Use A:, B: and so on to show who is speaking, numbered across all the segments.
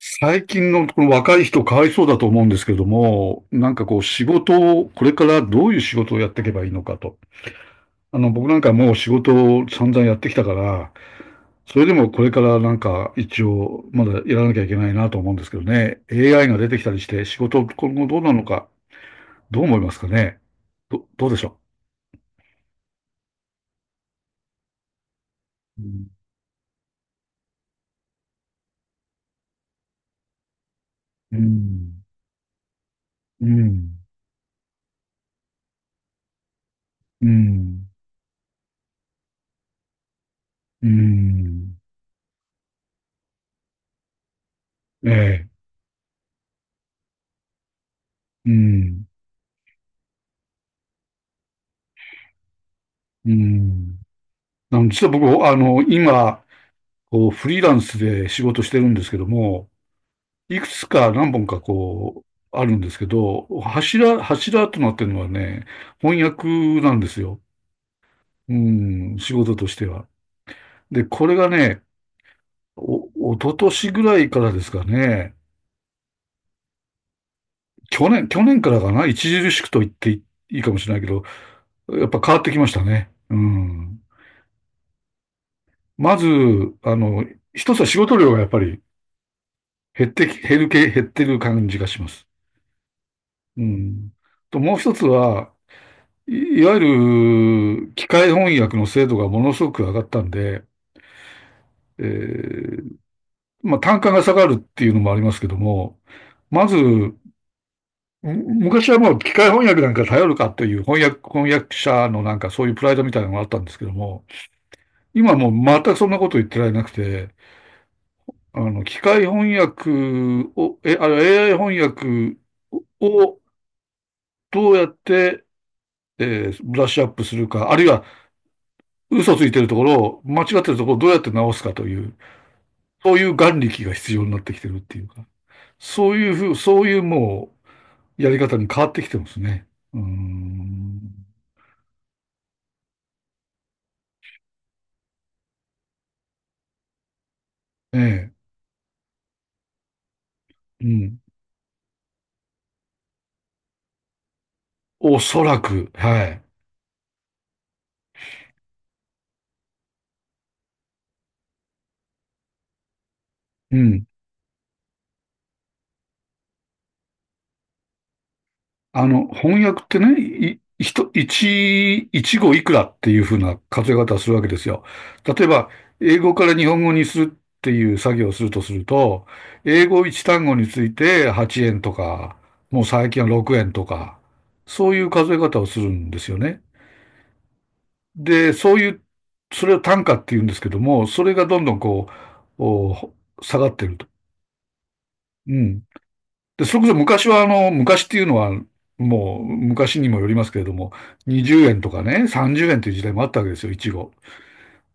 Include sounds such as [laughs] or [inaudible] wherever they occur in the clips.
A: 最近のこの若い人かわいそうだと思うんですけども、なんかこう仕事を、これからどういう仕事をやっていけばいいのかと。僕なんかもう仕事を散々やってきたから、それでもこれからなんか一応まだやらなきゃいけないなと思うんですけどね。AI が出てきたりして仕事今後どうなのか、どう思いますかね。どうでしょう。うん。うん。うん。うん。うん。ええ。うん。うん。実は僕、今、こう、フリーランスで仕事してるんですけども、いくつか何本かこう、あるんですけど、柱となってるのはね、翻訳なんですよ。うん、仕事としては。で、これがね、一昨年ぐらいからですかね、去年からかな、著しくと言っていいかもしれないけど、やっぱ変わってきましたね。うん。まず、あの、一つは仕事量がやっぱり減ってる感じがします。うん。と、もう一つは、いいわゆる機械翻訳の精度がものすごく上がったんで、えーまあ、単価が下がるっていうのもありますけども、まず、む昔はもう機械翻訳なんか頼るかという翻訳者のなんかそういうプライドみたいなのがあったんですけども、今はもう全くそんなこと言ってられなくて、機械翻訳を、え、あの AI 翻訳をどうやって、ブラッシュアップするか、あるいは嘘ついてるところを、間違ってるところをどうやって直すかという、そういう眼力が必要になってきてるっていうか、そういうふう、そういうもう、やり方に変わってきてますね。うーん。ええ、うん。おそらく、はい。うん。翻訳ってね、い、ひと一、一語いくらっていうふうな数え方をするわけですよ。例えば、英語から日本語にするっていう作業をするとすると、英語一単語について8円とか、もう最近は6円とか、そういう数え方をするんですよね。で、そういう、それを単価って言うんですけども、それがどんどんう、お下がってると。うん。で、それこそ昔は、昔っていうのは、もう昔にもよりますけれども、20円とかね、30円という時代もあったわけですよ、いちご。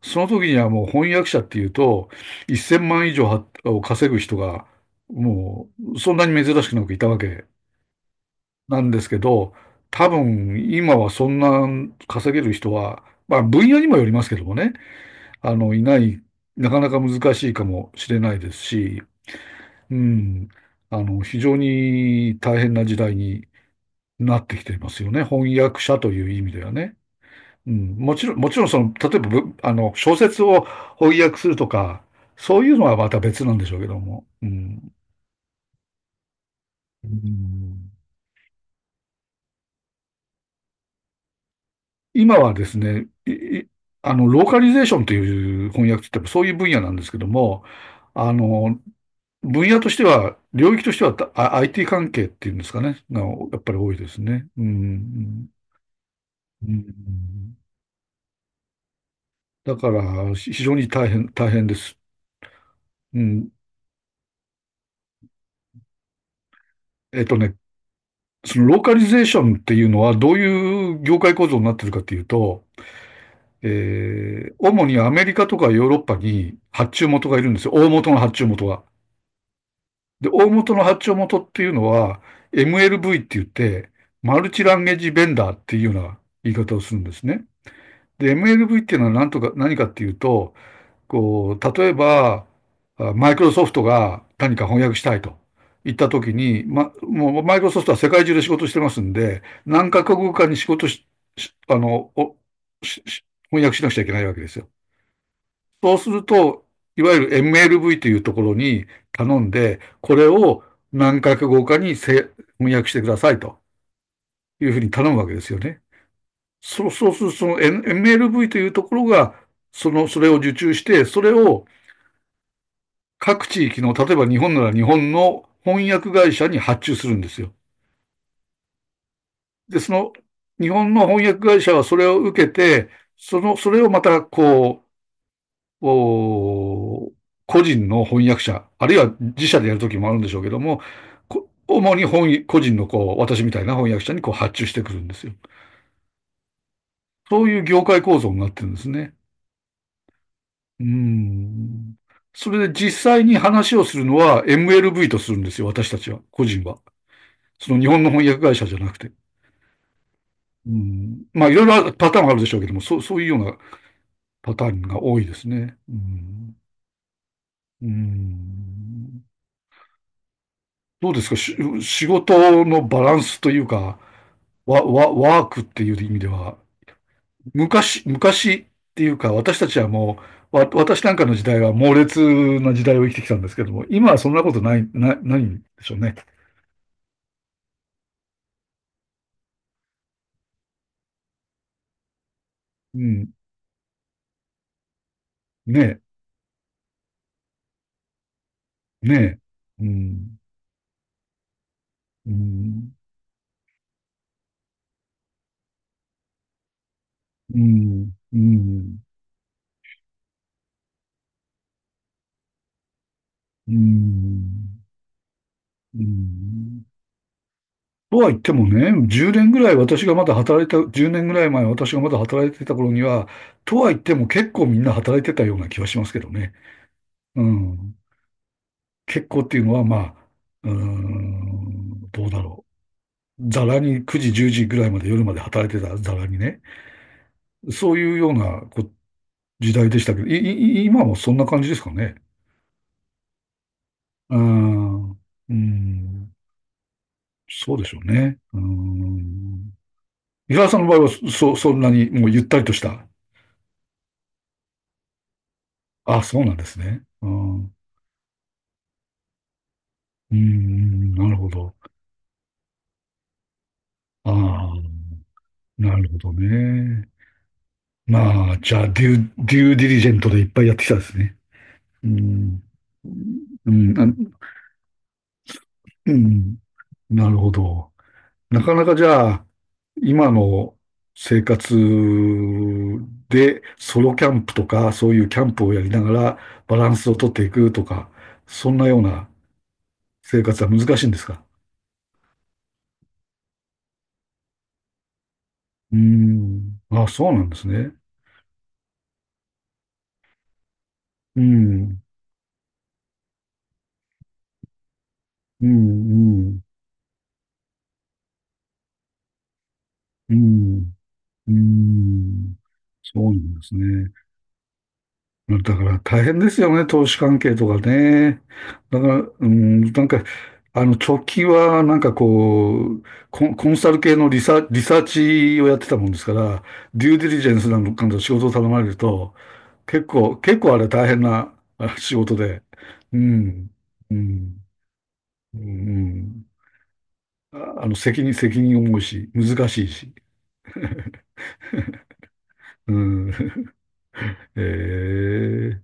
A: その時にはもう翻訳者っていうと、1000万以上を稼ぐ人が、もう、そんなに珍しくなくいたわけなんですけど、多分、今はそんな稼げる人は、まあ、分野にもよりますけどもね、いない、なかなか難しいかもしれないですし、うん、非常に大変な時代になってきていますよね。翻訳者という意味ではね。うん、もちろんその、例えばぶ、あの、小説を翻訳するとか、そういうのはまた別なんでしょうけども。うん。うん。今はですね、いいあの、ローカリゼーションという翻訳って言ってもそういう分野なんですけども、あの、分野としては、領域としては、IT 関係っていうんですかね、がやっぱり多いですね。うん。うん、だから、非常に大変です。うん。えっとね、そのローカリゼーションっていうのはどういう業界構造になってるかっていうと、主にアメリカとかヨーロッパに発注元がいるんですよ。大元の発注元が。で、大元の発注元っていうのは MLV って言って、マルチランゲージベンダーっていうような言い方をするんですね。で、MLV っていうのは何かっていうと、こう、例えば、マイクロソフトが何か翻訳したいと言ったときに、もうマイクロソフトは世界中で仕事してますんで、何カ国語かに仕事し、しあの、しし翻訳しなくちゃいけないわけですよ。そうすると、いわゆる MLV というところに頼んで、これを何カ国語かに翻訳してくださいというふうに頼むわけですよね。そうすると、その MLV というところが、その、それを受注して、それを各地域の、例えば日本なら日本の翻訳会社に発注するんですよ。で、その、日本の翻訳会社はそれを受けて、その、それをまた、う、お個人の翻訳者、あるいは自社でやるときもあるんでしょうけども、主に個人のこう、私みたいな翻訳者にこう発注してくるんですよ。そういう業界構造になってるんですね。うん。それで実際に話をするのは MLV とするんですよ、私たちは、個人は。その日本の翻訳会社じゃなくて。うん。まあ、いろいろパターンはあるでしょうけども、そういうようなパターンが多いですね。うん。うん。どうですか、仕事のバランスというか、ワークっていう意味では、昔っていうか、私たちはもう、わ、私なんかの時代は猛烈な時代を生きてきたんですけども、今はそんなことないんでしょうね。うん。ねえ、ねえ。うん。うん。うん。うん。うん。うん。とは言ってもね、10年ぐらい前私がまだ働いてた頃には、とは言っても結構みんな働いてたような気はしますけどね。うん。結構っていうのは、まあ、うーん、どうだろう。ざらに9時、10時ぐらいまで夜まで働いてたざらにね。そういうような時代でしたけど、今もそんな感じですかね。うーん、うーん、そうでしょうね。うーん。伊沢さんの場合は、そんなにもうゆったりとした。あ、そうなんですね。うん、うーん、なるほど。ああ、なるほどね。まあ、じゃあ、デューディリジェントでいっぱいやってきたですね。うん。うん、あ、うん、なるほど。なかなかじゃあ、今の生活でソロキャンプとか、そういうキャンプをやりながらバランスをとっていくとか、そんなような生活は難しいんですか？うん。あ、そうなんですね。うん。うん、うん、うん、うん。そうなんですね。だから大変ですよね、投資関係とかね。だから、うん、なんか、直近は、なんかこう、コンサル系のリサーチをやってたもんですから、デューディリジェンスなのかの仕事を頼まれると、結構あれ大変なあ [laughs] 仕事で、うん、うん、うん、責任重いし、難しいし、うん、[laughs] えー、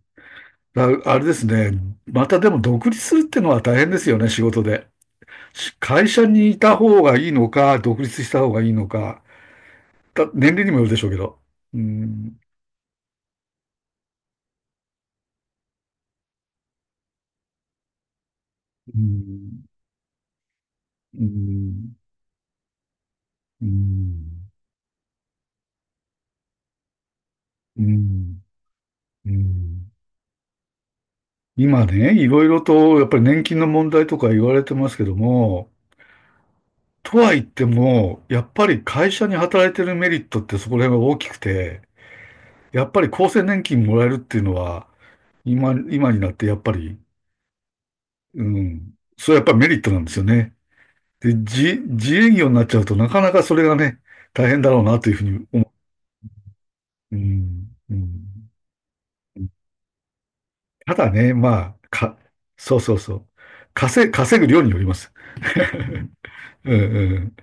A: あれですね、またでも独立するってのは大変ですよね、仕事で。会社にいた方がいいのか、独立した方がいいのか、年齢にもよるでしょうけど。うん、うん、うん、うん、うん、うん。今ね、いろいろと、やっぱり年金の問題とか言われてますけども、とは言っても、やっぱり会社に働いてるメリットってそこら辺は大きくて、やっぱり厚生年金もらえるっていうのは、今になってやっぱり、うん、それはやっぱりメリットなんですよね。で自営業になっちゃうとなかなかそれがね、大変だろうなというふうに思う。うん、うん。ただね、まあ、そうそうそう。稼ぐ量によります。うん、うん。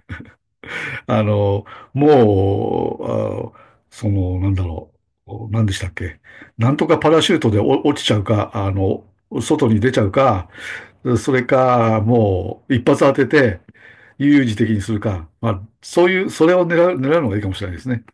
A: あの、もう、その、なんだろう。何でしたっけ。なんとかパラシュートで落ちちゃうか、外に出ちゃうか、それか、もう、一発当てて、悠々自適にするか、まあ、そういう、それを狙うのがいいかもしれないですね。